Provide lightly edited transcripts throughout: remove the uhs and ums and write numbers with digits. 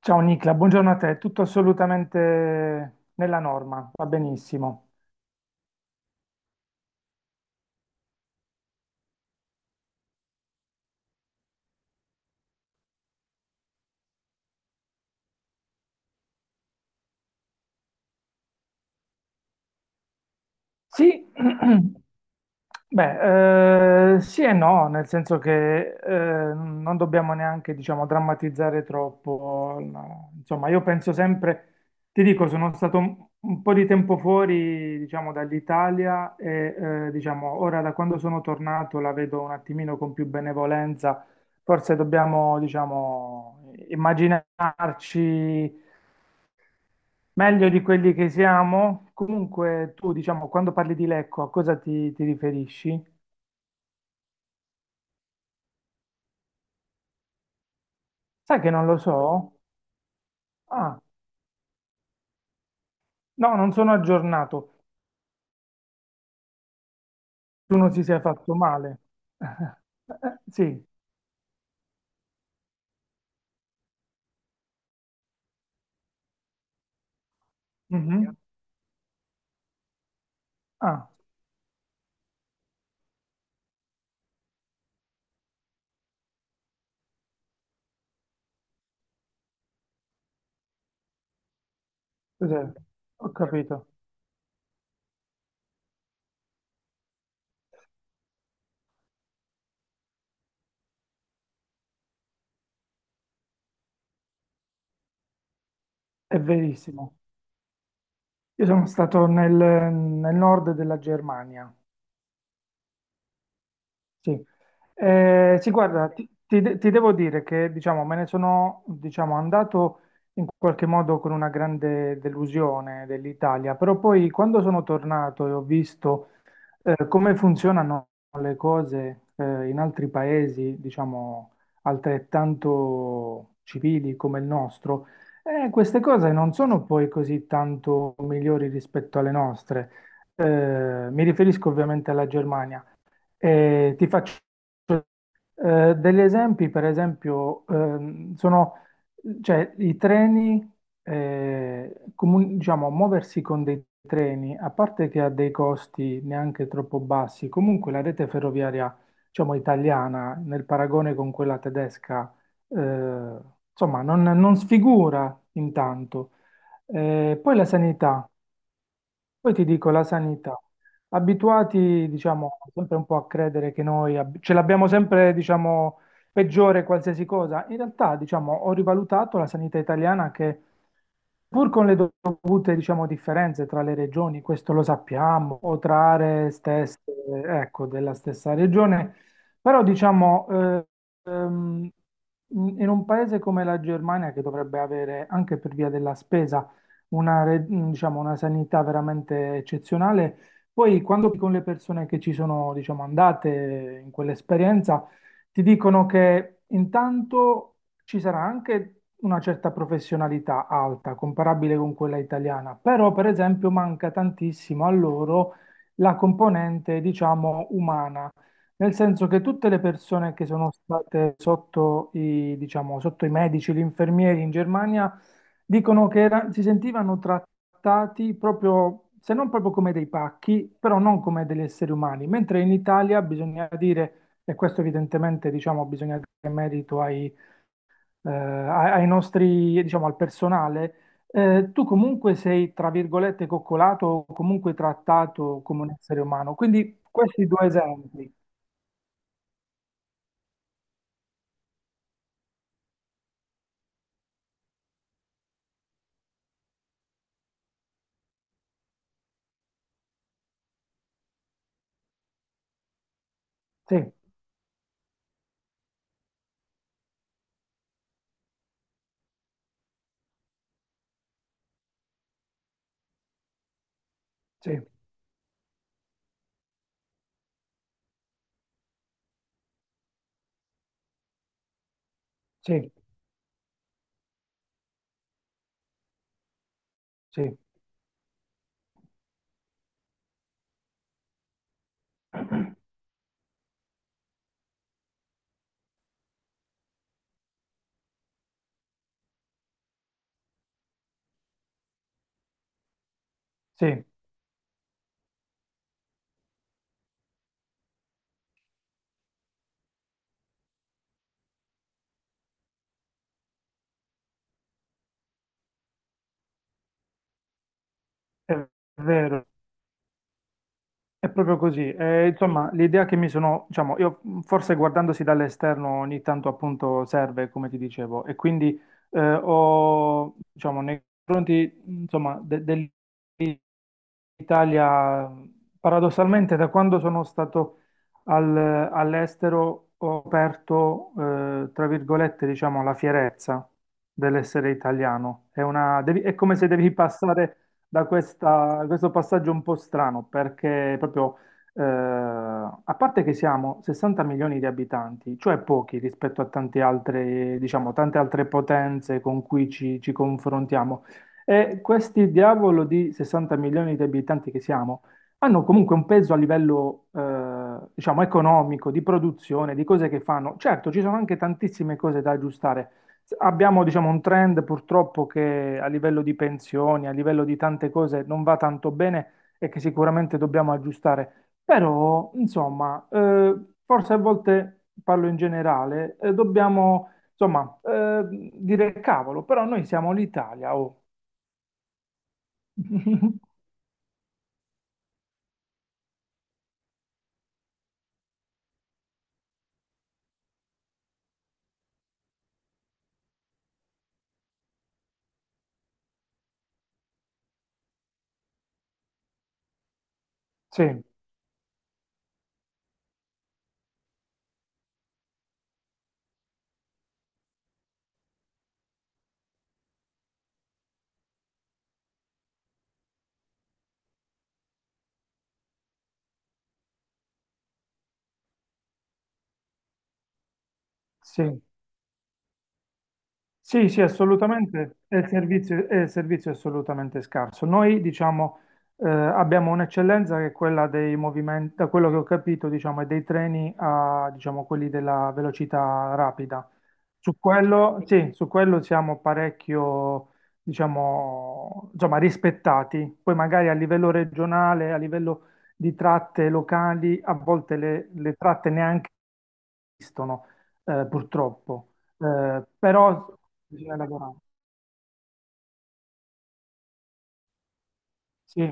Ciao Nicla, buongiorno a te, tutto assolutamente nella norma, va benissimo. Sì, beh, sì e no, nel senso che non dobbiamo neanche, diciamo, drammatizzare troppo. No. Insomma, io penso sempre, ti dico, sono stato un po' di tempo fuori, diciamo, dall'Italia e, diciamo, ora da quando sono tornato la vedo un attimino con più benevolenza. Forse dobbiamo, diciamo, immaginarci. Meglio di quelli che siamo? Comunque, tu, diciamo, quando parli di Lecco, a cosa ti riferisci? Sai che non lo so? Ah, no, non sono aggiornato. Tu non ti sei fatto male. Sì. Mhm. Ah, cos'è? Ho capito. È verissimo. Io sono stato nel nord della Germania. Sì, eh, sì, guarda, ti devo dire che diciamo, me ne sono diciamo, andato in qualche modo con una grande delusione dell'Italia, però poi quando sono tornato e ho visto come funzionano le cose in altri paesi, diciamo, altrettanto civili come il nostro, queste cose non sono poi così tanto migliori rispetto alle nostre. Mi riferisco ovviamente alla Germania. E ti faccio degli esempi, per esempio, sono cioè, i treni, diciamo, muoversi con dei treni, a parte che ha dei costi neanche troppo bassi, comunque la rete ferroviaria, diciamo, italiana, nel paragone con quella tedesca, eh, insomma, non sfigura intanto. Poi la sanità. Poi ti dico la sanità. Abituati, diciamo, sempre un po' a credere che ce l'abbiamo sempre, diciamo, peggiore qualsiasi cosa. In realtà, diciamo, ho rivalutato la sanità italiana che, pur con le dovute, diciamo, differenze tra le regioni, questo lo sappiamo, o tra aree stesse, ecco, della stessa regione, però, diciamo, ehm, in un paese come la Germania, che dovrebbe avere, anche per via della spesa, diciamo, una sanità veramente eccezionale. Poi, quando con le persone che ci sono, diciamo, andate in quell'esperienza, ti dicono che intanto ci sarà anche una certa professionalità alta, comparabile con quella italiana, però, per esempio, manca tantissimo a loro la componente, diciamo, umana. Nel senso che tutte le persone che sono state sotto diciamo, sotto i medici, gli infermieri in Germania dicono che si sentivano trattati proprio, se non proprio come dei pacchi, però non come degli esseri umani, mentre in Italia bisogna dire, e questo evidentemente diciamo, bisogna dare merito ai nostri, diciamo, al personale, tu comunque sei, tra virgolette, coccolato o comunque trattato come un essere umano. Quindi questi due esempi. Sì, sì, sì, sì, sì, è vero. È proprio così. Insomma, l'idea che mi sono, diciamo, io forse guardandosi dall'esterno ogni tanto appunto serve, come ti dicevo, e quindi ho, diciamo, nei confronti, insomma, Italia, paradossalmente, da quando sono stato all'estero ho aperto, tra virgolette, diciamo, la fierezza dell'essere italiano. È è come se devi passare da questo passaggio un po' strano, perché proprio, a parte che siamo 60 milioni di abitanti, cioè pochi rispetto a tante altre, diciamo, tante altre potenze con cui ci confrontiamo. E questi diavolo di 60 milioni di abitanti che siamo hanno comunque un peso a livello, diciamo, economico, di produzione, di cose che fanno. Certo, ci sono anche tantissime cose da aggiustare. Abbiamo, diciamo, un trend purtroppo che a livello di pensioni, a livello di tante cose non va tanto bene e che sicuramente dobbiamo aggiustare. Però, insomma, forse a volte parlo in generale, dobbiamo, insomma, dire cavolo, però noi siamo l'Italia, oh. Sì, sì, sì, sì, assolutamente, e il servizio è assolutamente scarso. Noi, diciamo, abbiamo un'eccellenza che è quella dei movimenti, da quello che ho capito, diciamo, è dei treni a, diciamo, quelli della velocità rapida. Su quello, sì, su quello siamo parecchio, diciamo, insomma, rispettati. Poi magari a livello regionale, a livello di tratte locali, a volte le tratte neanche esistono, purtroppo, eh, però bisogna lavorare. Sì,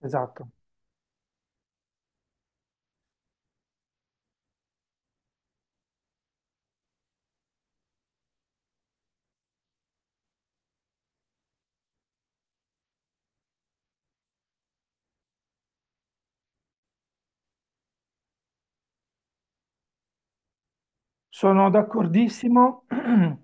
esatto. Sono d'accordissimo,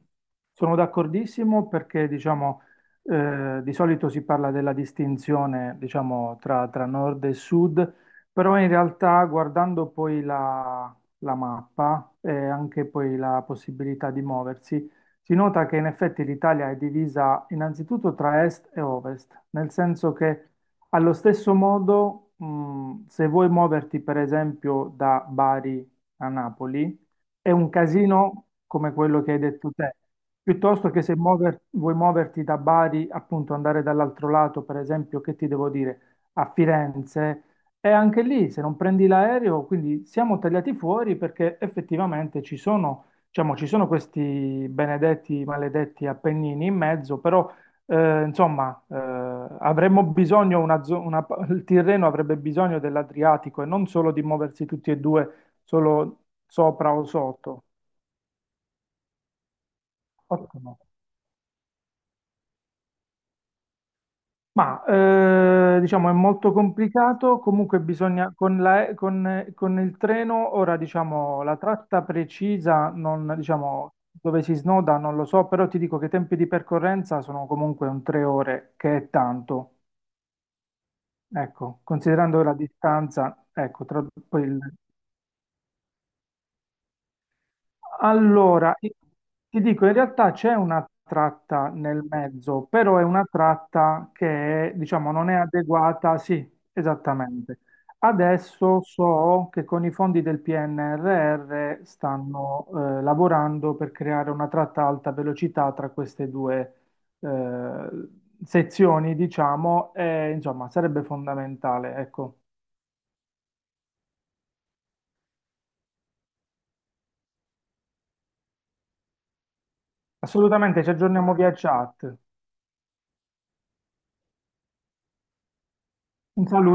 sono d'accordissimo perché diciamo, di solito si parla della distinzione diciamo, tra nord e sud, però in realtà guardando poi la mappa e anche poi la possibilità di muoversi, si nota che in effetti l'Italia è divisa innanzitutto tra est e ovest, nel senso che allo stesso modo, se vuoi muoverti per esempio da Bari a Napoli, è un casino come quello che hai detto te. Piuttosto che se vuoi muoverti da Bari, appunto andare dall'altro lato, per esempio, che ti devo dire, a Firenze, e anche lì se non prendi l'aereo, quindi siamo tagliati fuori perché effettivamente ci sono, diciamo, ci sono questi benedetti, maledetti Appennini in mezzo, però eh, insomma eh, avremmo bisogno, una zo- una pa- il Tirreno avrebbe bisogno dell'Adriatico e non solo di muoversi tutti e due solo sopra o sotto. Ottimo. Ma diciamo è molto complicato, comunque bisogna con con il treno, ora diciamo la tratta precisa, non, diciamo dove si snoda non lo so, però ti dico che i tempi di percorrenza sono comunque un 3 ore, che è tanto. Ecco, considerando la distanza, ecco, tra, poi Allora, i- ti dico, in realtà c'è una tratta nel mezzo, però è una tratta che, diciamo, non è adeguata. Sì, esattamente. Adesso so che con i fondi del PNRR stanno lavorando per creare una tratta a alta velocità tra queste due eh, sezioni, diciamo, e insomma, sarebbe fondamentale, ecco. Assolutamente, ci aggiorniamo via chat. Un saluto.